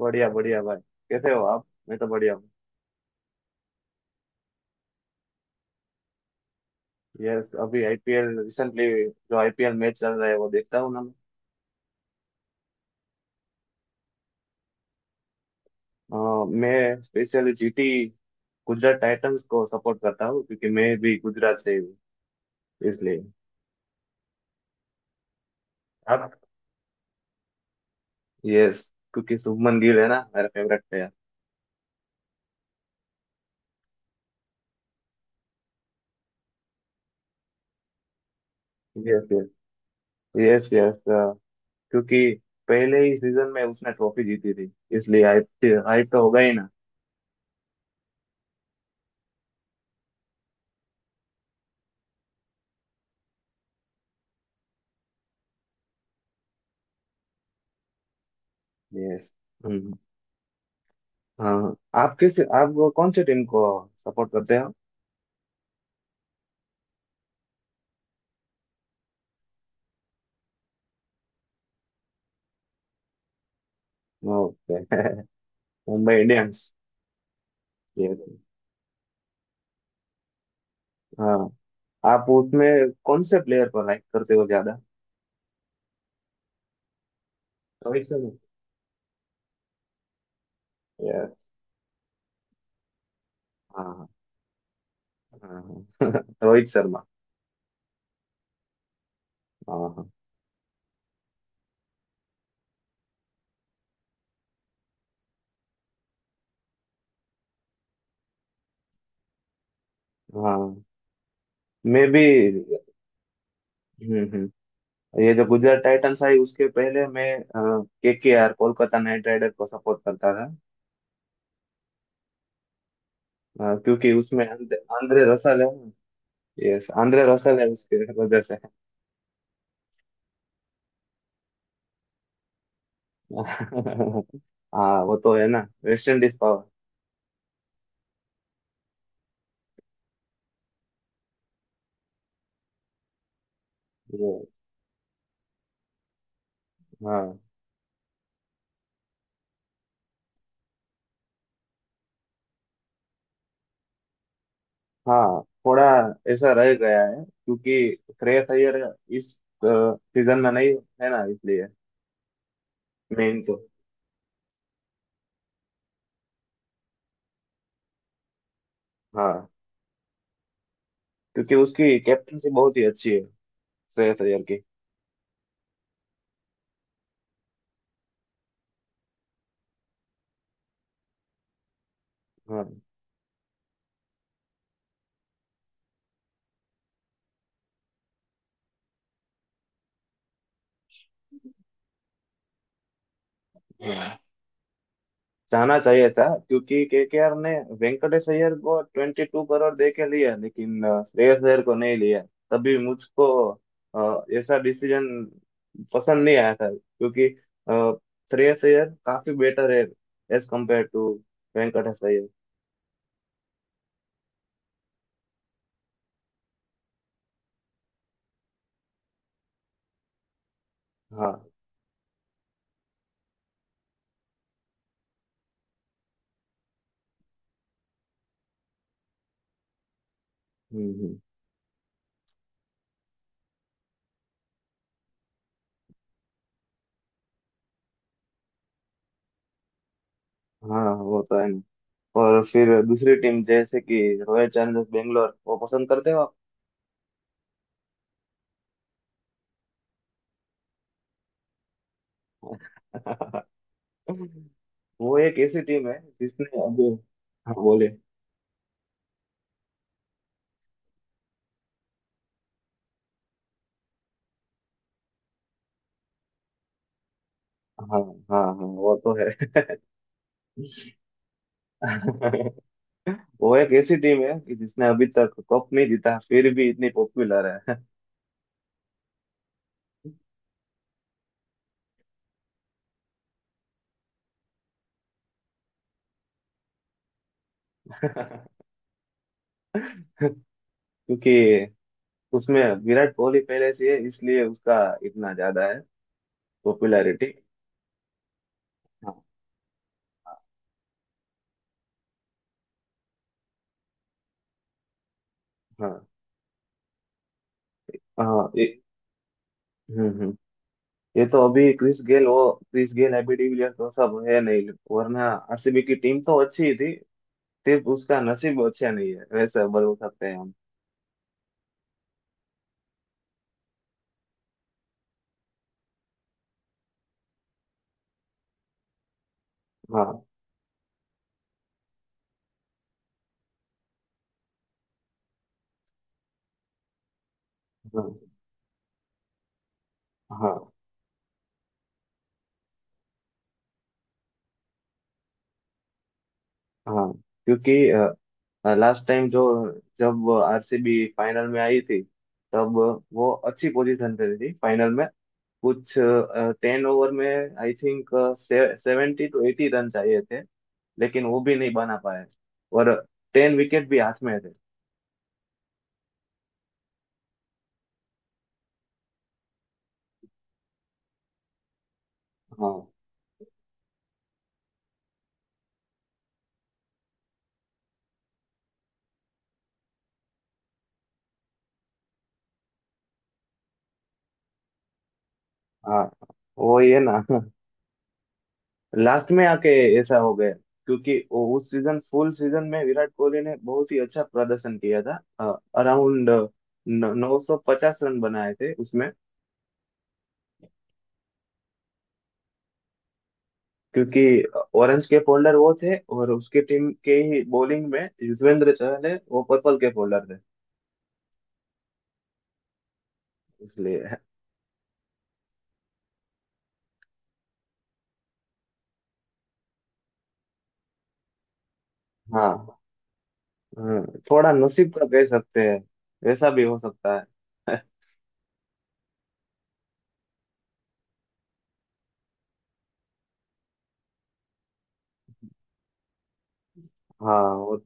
बढ़िया बढ़िया भाई। कैसे हो आप? मैं तो बढ़िया हूँ। यस, अभी आईपीएल, रिसेंटली जो आईपीएल मैच चल रहा है वो देखता हूँ ना मैं। अ, मैं स्पेशली जीटी, गुजरात टाइटंस को सपोर्ट करता हूँ क्योंकि मैं भी गुजरात से ही हूँ, इसलिए। आप यस। क्योंकि शुभमन गिल है ना, मेरा favourite player. Yes yes. Yes yes. क्योंकि पहले ही सीजन में उसने ट्रॉफी जीती थी, इसलिए हाइप हाइप तो होगा ही ना। यस। हम्म। हाँ। आप वो कौन से टीम को सपोर्ट करते हो? ओके। मुंबई इंडियंस। ये तो। हाँ, आप उसमें कौन से प्लेयर को लाइक करते हो ज्यादा? रोहित शर्मा। यार। हाँ हाँ हाँ। रोहित शर्मा। हाँ हाँ हाँ। मैं भी। हम्म। ये जो गुजरात टाइटंस आई, उसके पहले मैं के आर, कोलकाता नाइट राइडर को सपोर्ट करता था। क्योंकि उसमें आंद्रे आंद्रे रसल है। यस, आंद्रे रसल है उसके वजह से। हाँ वो तो है ना, वेस्ट इंडीज पावर। ये, हाँ थोड़ा ऐसा रह गया है क्योंकि श्रेयस अय्यर इस सीजन में नहीं है ना, इसलिए। मेन तो। हाँ। क्योंकि उसकी कैप्टनसी बहुत ही अच्छी है, श्रेयस अय्यर की। हाँ। हाँ। जाना चाहिए था क्योंकि केकेआर ने वेंकटेश अय्यर को 22 करोड़ दे के लिया, लेकिन श्रेयस अय्यर को नहीं लिया। तभी मुझको ऐसा डिसीजन पसंद नहीं आया था क्योंकि श्रेयस अय्यर काफी बेटर है, as compare to Venkatesh Iyer. हाँ। हम्म। हाँ वो तो है ना। और फिर दूसरी टीम जैसे कि रॉयल चैलेंजर्स बेंगलोर, वो पसंद करते हो आप? वो एक ऐसी टीम है जिसने अभी। हाँ बोले। हाँ हाँ हाँ, वो तो है। वो एक ऐसी टीम है कि जिसने अभी तक कप नहीं जीता, फिर भी इतनी पॉपुलर है। क्योंकि उसमें विराट कोहली पहले से है, इसलिए उसका इतना ज्यादा है, पॉपुलैरिटी। हाँ। हाँ। हाँ। हाँ, हम्म ये तो अभी क्रिस गेल, हैबी डिविलियर तो सब है नहीं, वरना आरसीबी की टीम तो अच्छी ही थी। सिर्फ उसका नसीब अच्छा नहीं है, वैसे बोल सकते हैं हम। हाँ। हाँ। हाँ। हाँ। क्योंकि लास्ट टाइम जो जब आरसीबी फाइनल में आई थी, तब वो अच्छी पोजीशन पे थी फाइनल में। कुछ 10 ओवर में, आई थिंक, 70-80 रन चाहिए थे, लेकिन वो भी नहीं बना पाए, और 10 विकेट भी हाथ में थे। हाँ। हाँ। वो ये ना, लास्ट में आके ऐसा हो गया क्योंकि उस सीजन, फुल सीजन में विराट कोहली ने बहुत ही अच्छा प्रदर्शन किया था, अराउंड 950 रन बनाए थे उसमें। क्योंकि ऑरेंज के फोल्डर वो थे, और उसके टीम के ही बॉलिंग में युजवेंद्र चहल है, वो पर्पल के फोल्डर थे, इसलिए। हाँ। हाँ, थोड़ा नसीब का कह सकते हैं, वैसा भी हो सकता है। हाँ और।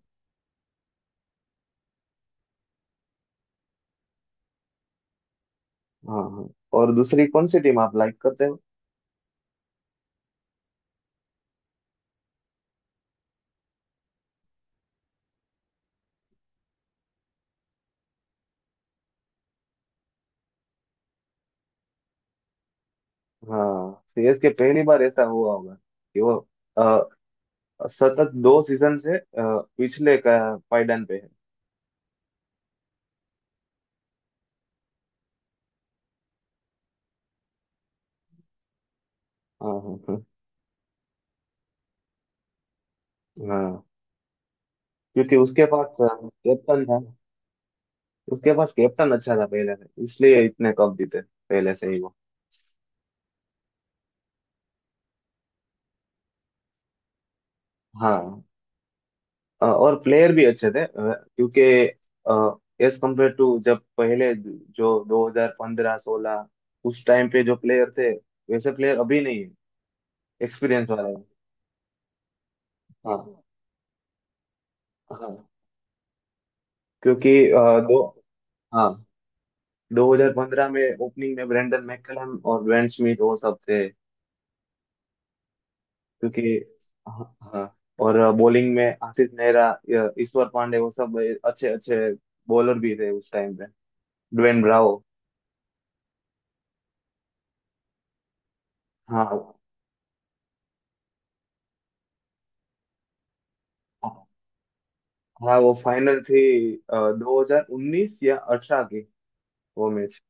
हाँ हाँ। और दूसरी कौन सी टीम आप लाइक करते हो? हाँ, सीएसके पहली बार ऐसा हुआ होगा कि वो अ, सतत दो सीजन से पिछले का पायदान पे है। हाँ हाँ हाँ। हाँ। क्योंकि उसके पास कैप्टन था, उसके पास कैप्टन अच्छा था पहले से, इसलिए इतने कप जीते पहले से ही वो। हाँ। और प्लेयर भी अच्छे थे, क्योंकि एज कम्पेयर टू जब पहले जो 2015 16 उस टाइम पे जो प्लेयर थे, वैसे प्लेयर अभी नहीं है, एक्सपीरियंस वाले हैं। हाँ। हाँ। क्योंकि दो। हाँ, 2015 में ओपनिंग में ब्रेंडन मैकलम और वेन स्मिथ वो सब थे। क्योंकि। हाँ हाँ, और बॉलिंग में आशीष नेहरा, ईश्वर पांडे वो सब अच्छे अच्छे बॉलर भी थे उस टाइम पे, ड्वेन ब्रावो। हाँ। हाँ, वो फाइनल थी, 2019 या 2018 की, वो मैच।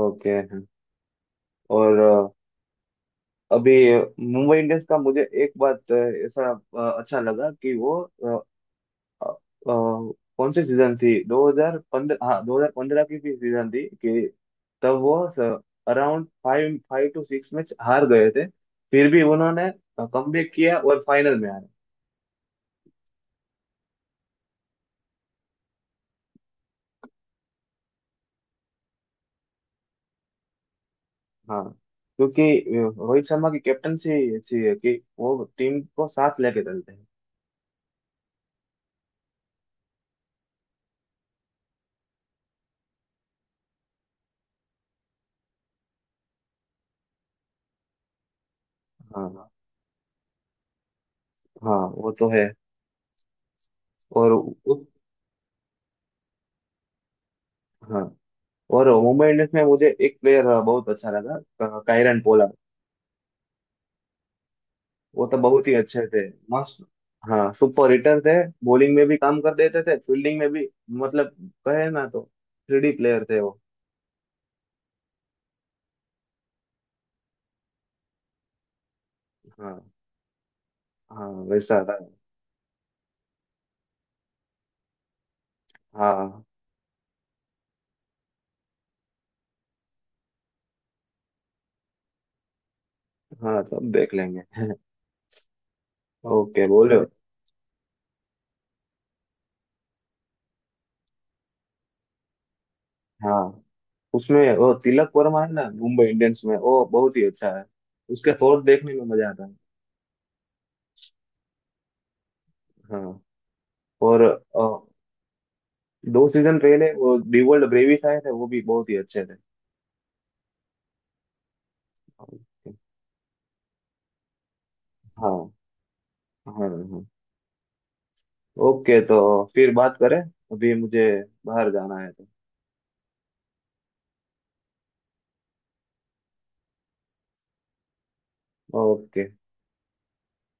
ओके हाँ। और अभी मुंबई इंडियंस का मुझे एक बात अ, ऐसा अ, अच्छा लगा कि वो अ, कौन सी सीजन थी, 2015, हाँ 2015 की भी सीजन थी कि तब वो around five five to six match हार गए थे, फिर भी उन्होंने कमबैक किया और फाइनल में आए। हाँ। क्योंकि रोहित शर्मा की कैप्टनसी अच्छी है, कि वो टीम को साथ लेके चलते हैं। हाँ। हाँ वो तो है। और हाँ, और मुंबई इंडियंस में मुझे एक प्लेयर बहुत अच्छा लगा, कायरन पोला। वो तो बहुत ही अच्छे थे, मस्त। हाँ, सुपर हिटर थे, बॉलिंग में भी काम कर देते थे, फील्डिंग में भी, मतलब कहे ना तो थ्री प्लेयर थे वो। हाँ। हाँ वैसा था। हाँ हाँ, तो अब देख लेंगे। ओके बोलो। हाँ, उसमें वो तिलक वर्मा है ना मुंबई इंडियंस में, वो बहुत ही अच्छा है। उसके शॉट देखने में मजा आता है। हाँ और 2 सीजन पहले वो दी वर्ल्ड ब्रेवी आए थे, वो भी बहुत ही अच्छे थे। हाँ हाँ हाँ। ओके, तो फिर बात करें, अभी मुझे बाहर जाना है तो। ओके।